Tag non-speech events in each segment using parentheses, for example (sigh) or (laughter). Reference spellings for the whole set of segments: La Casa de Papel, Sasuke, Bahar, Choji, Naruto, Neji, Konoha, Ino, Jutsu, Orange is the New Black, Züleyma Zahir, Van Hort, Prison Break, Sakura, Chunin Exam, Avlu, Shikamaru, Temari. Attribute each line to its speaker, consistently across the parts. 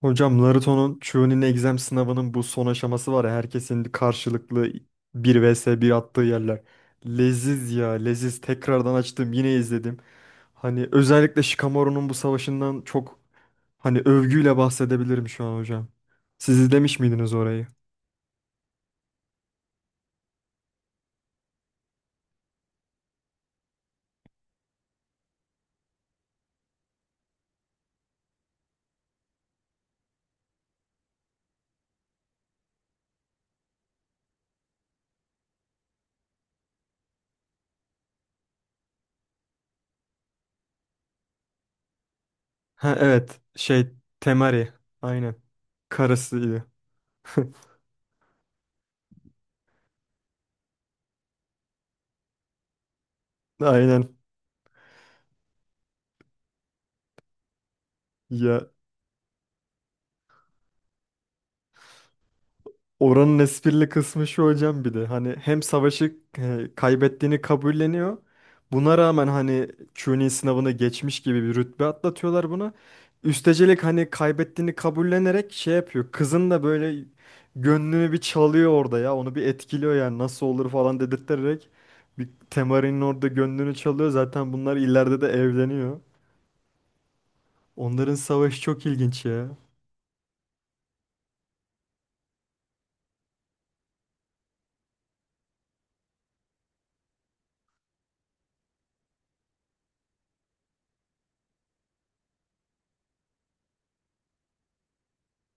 Speaker 1: Hocam Naruto'nun Chunin Exam sınavının bu son aşaması var ya, herkesin karşılıklı bir vs bir attığı yerler. Leziz ya, leziz, tekrardan açtım yine izledim. Hani özellikle Shikamaru'nun bu savaşından çok hani övgüyle bahsedebilirim şu an hocam. Siz izlemiş miydiniz orayı? Ha evet, şey, Temari, aynen, karısıydı. (laughs) Aynen. Ya, oranın esprili kısmı şu hocam, bir de hani hem savaşı kaybettiğini kabulleniyor. Buna rağmen hani Chunin sınavını geçmiş gibi bir rütbe atlatıyorlar buna. Üstecelik hani kaybettiğini kabullenerek şey yapıyor. Kızın da böyle gönlünü bir çalıyor orada ya. Onu bir etkiliyor yani, nasıl olur falan dedirterek. Bir Temari'nin orada gönlünü çalıyor. Zaten bunlar ileride de evleniyor. Onların savaşı çok ilginç ya.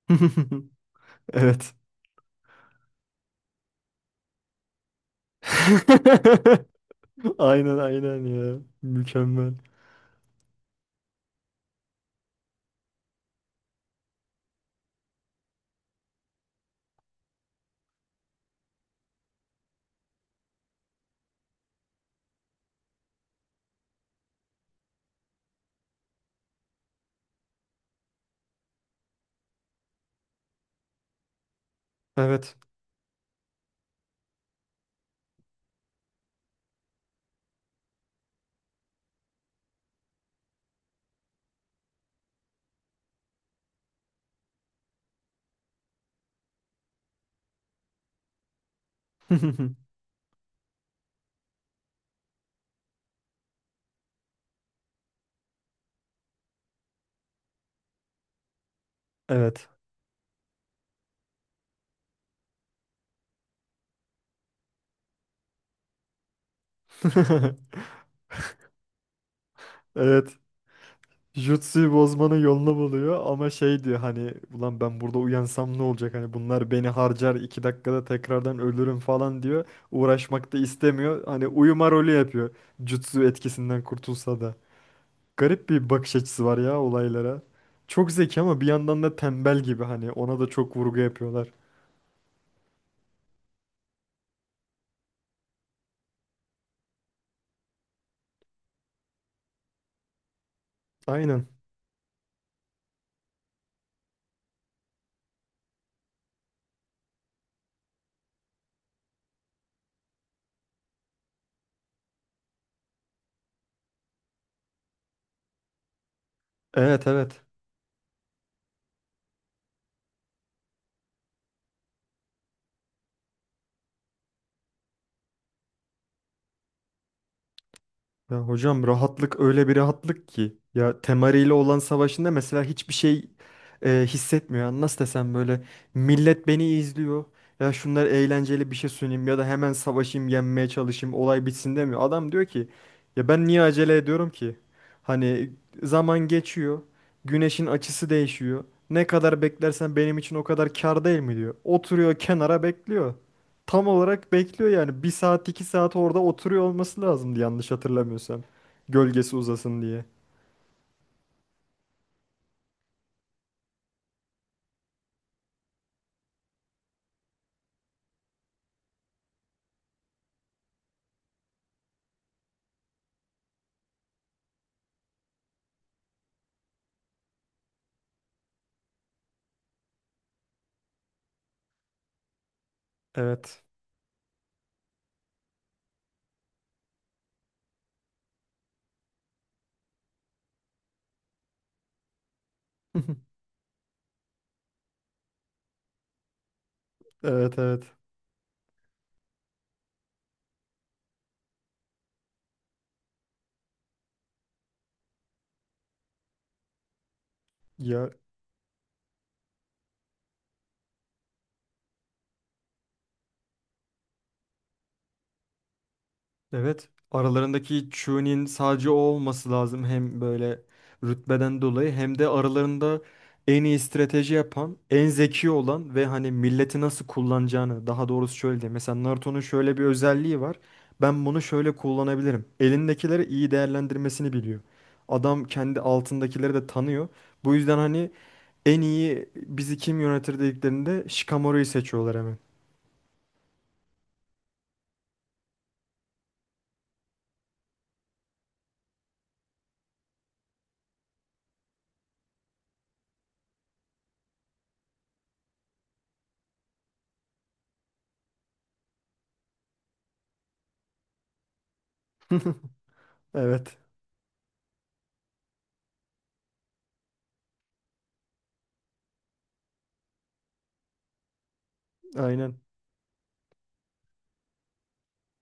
Speaker 1: (laughs) Evet. (laughs) (laughs) Aynen aynen ya. Mükemmel. Evet. (laughs) Evet. (laughs) Evet. Jutsu'yu bozmanın yolunu buluyor ama şey diyor, hani ulan ben burada uyansam ne olacak, hani bunlar beni harcar 2 dakikada, tekrardan ölürüm falan diyor. Uğraşmak da istemiyor. Hani uyuma rolü yapıyor. Jutsu etkisinden kurtulsa da. Garip bir bakış açısı var ya olaylara. Çok zeki ama bir yandan da tembel gibi, hani ona da çok vurgu yapıyorlar. Aynen. Evet evet. Ya hocam, rahatlık öyle bir rahatlık ki. Ya Temari ile olan savaşında mesela hiçbir şey hissetmiyor. Yani nasıl desem, böyle millet beni izliyor. Ya şunlar, eğlenceli bir şey sunayım ya da hemen savaşayım, yenmeye çalışayım, olay bitsin demiyor. Adam diyor ki ya ben niye acele ediyorum ki? Hani zaman geçiyor. Güneşin açısı değişiyor. Ne kadar beklersen benim için o kadar kâr değil mi diyor. Oturuyor kenara, bekliyor, tam olarak bekliyor yani. Bir saat iki saat orada oturuyor olması lazımdı yanlış hatırlamıyorsam. Gölgesi uzasın diye. Evet. (laughs) Evet evet. Ya, evet. Aralarındaki Chu'nin sadece o olması lazım. Hem böyle rütbeden dolayı hem de aralarında en iyi strateji yapan, en zeki olan ve hani milleti nasıl kullanacağını, daha doğrusu şöyle diyeyim. Mesela Naruto'nun şöyle bir özelliği var. Ben bunu şöyle kullanabilirim. Elindekileri iyi değerlendirmesini biliyor. Adam kendi altındakileri de tanıyor. Bu yüzden hani en iyi bizi kim yönetir dediklerinde Shikamaru'yu seçiyorlar hemen. (laughs) Evet. Aynen.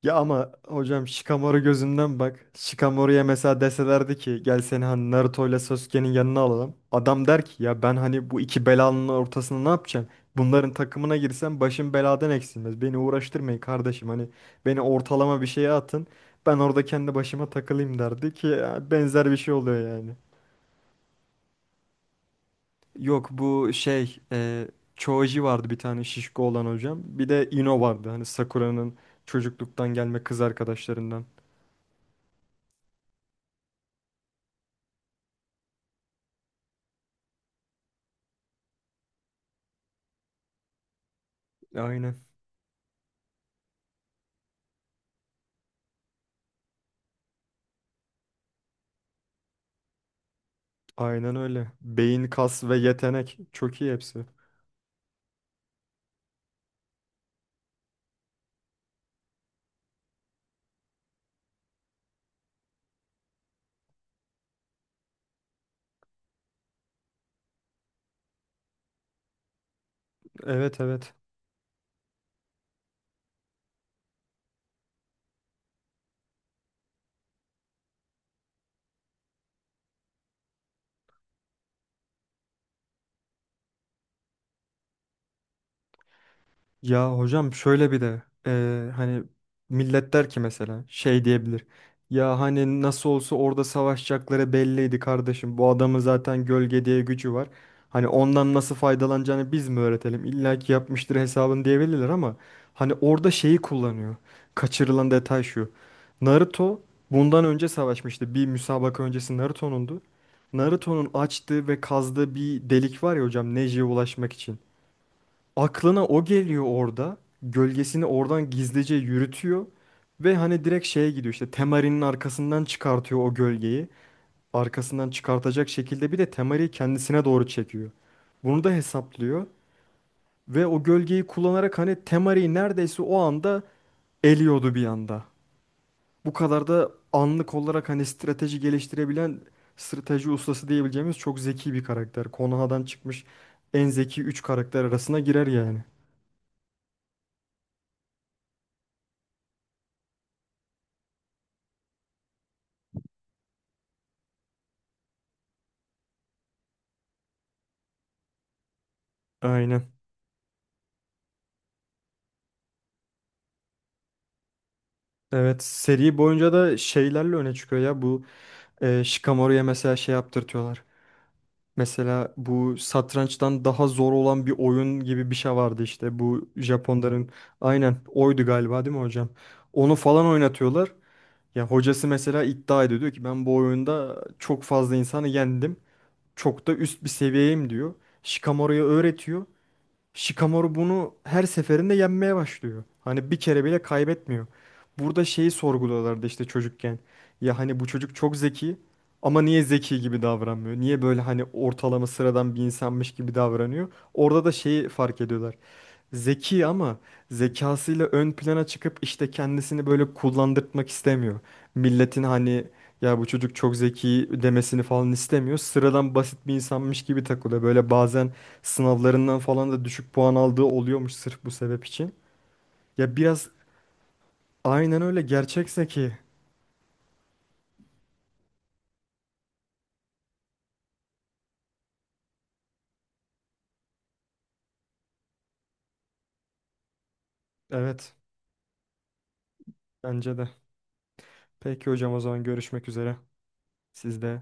Speaker 1: Ya ama hocam Shikamaru gözünden bak. Shikamaru'ya mesela deselerdi ki gel seni hani Naruto ile Sasuke'nin yanına alalım, adam der ki ya ben hani bu iki belanın ortasında ne yapacağım? Bunların takımına girsem başım beladan eksilmez. Beni uğraştırmayın kardeşim, hani beni ortalama bir şeye atın. Ben orada kendi başıma takılayım derdi ki, ya benzer bir şey oluyor yani. Yok, bu şey, Choji vardı bir tane, şişko olan hocam. Bir de Ino vardı hani, Sakura'nın çocukluktan gelme kız arkadaşlarından. Aynen. Aynen öyle. Beyin, kas ve yetenek. Çok iyi hepsi. Evet evet. Ya hocam, şöyle bir de hani millet der ki mesela, şey diyebilir. Ya hani nasıl olsa orada savaşacakları belliydi kardeşim. Bu adamın zaten gölge diye gücü var. Hani ondan nasıl faydalanacağını biz mi öğretelim? İlla ki yapmıştır hesabını diyebilirler ama hani orada şeyi kullanıyor. Kaçırılan detay şu. Naruto bundan önce savaşmıştı. Bir müsabaka öncesi Naruto'nundu. Naruto'nun açtığı ve kazdığı bir delik var ya hocam, Neji'ye ulaşmak için aklına o geliyor orada. Gölgesini oradan gizlice yürütüyor. Ve hani direkt şeye gidiyor, işte Temari'nin arkasından çıkartıyor o gölgeyi. Arkasından çıkartacak şekilde bir de Temari'yi kendisine doğru çekiyor. Bunu da hesaplıyor. Ve o gölgeyi kullanarak hani Temari'yi neredeyse o anda eliyordu bir anda. Bu kadar da anlık olarak hani strateji geliştirebilen, strateji ustası diyebileceğimiz çok zeki bir karakter. Konoha'dan çıkmış en zeki 3 karakter arasına girer yani. Aynen. Evet, seri boyunca da şeylerle öne çıkıyor ya bu, Shikamaru'ya mesela şey yaptırtıyorlar. Mesela bu satrançtan daha zor olan bir oyun gibi bir şey vardı işte, bu Japonların, aynen oydu galiba değil mi hocam? Onu falan oynatıyorlar. Ya hocası mesela iddia ediyor, diyor ki ben bu oyunda çok fazla insanı yendim. Çok da üst bir seviyeyim diyor. Shikamaru'ya öğretiyor. Shikamaru bunu her seferinde yenmeye başlıyor. Hani bir kere bile kaybetmiyor. Burada şeyi sorguluyorlardı işte çocukken. Ya hani bu çocuk çok zeki ama niye zeki gibi davranmıyor? Niye böyle hani ortalama sıradan bir insanmış gibi davranıyor? Orada da şeyi fark ediyorlar. Zeki ama zekasıyla ön plana çıkıp işte kendisini böyle kullandırtmak istemiyor. Milletin hani ya bu çocuk çok zeki demesini falan istemiyor. Sıradan basit bir insanmış gibi takılıyor. Böyle bazen sınavlarından falan da düşük puan aldığı oluyormuş sırf bu sebep için. Ya biraz, aynen öyle, gerçek zeki. Evet, bence de. Peki hocam, o zaman görüşmek üzere. Siz de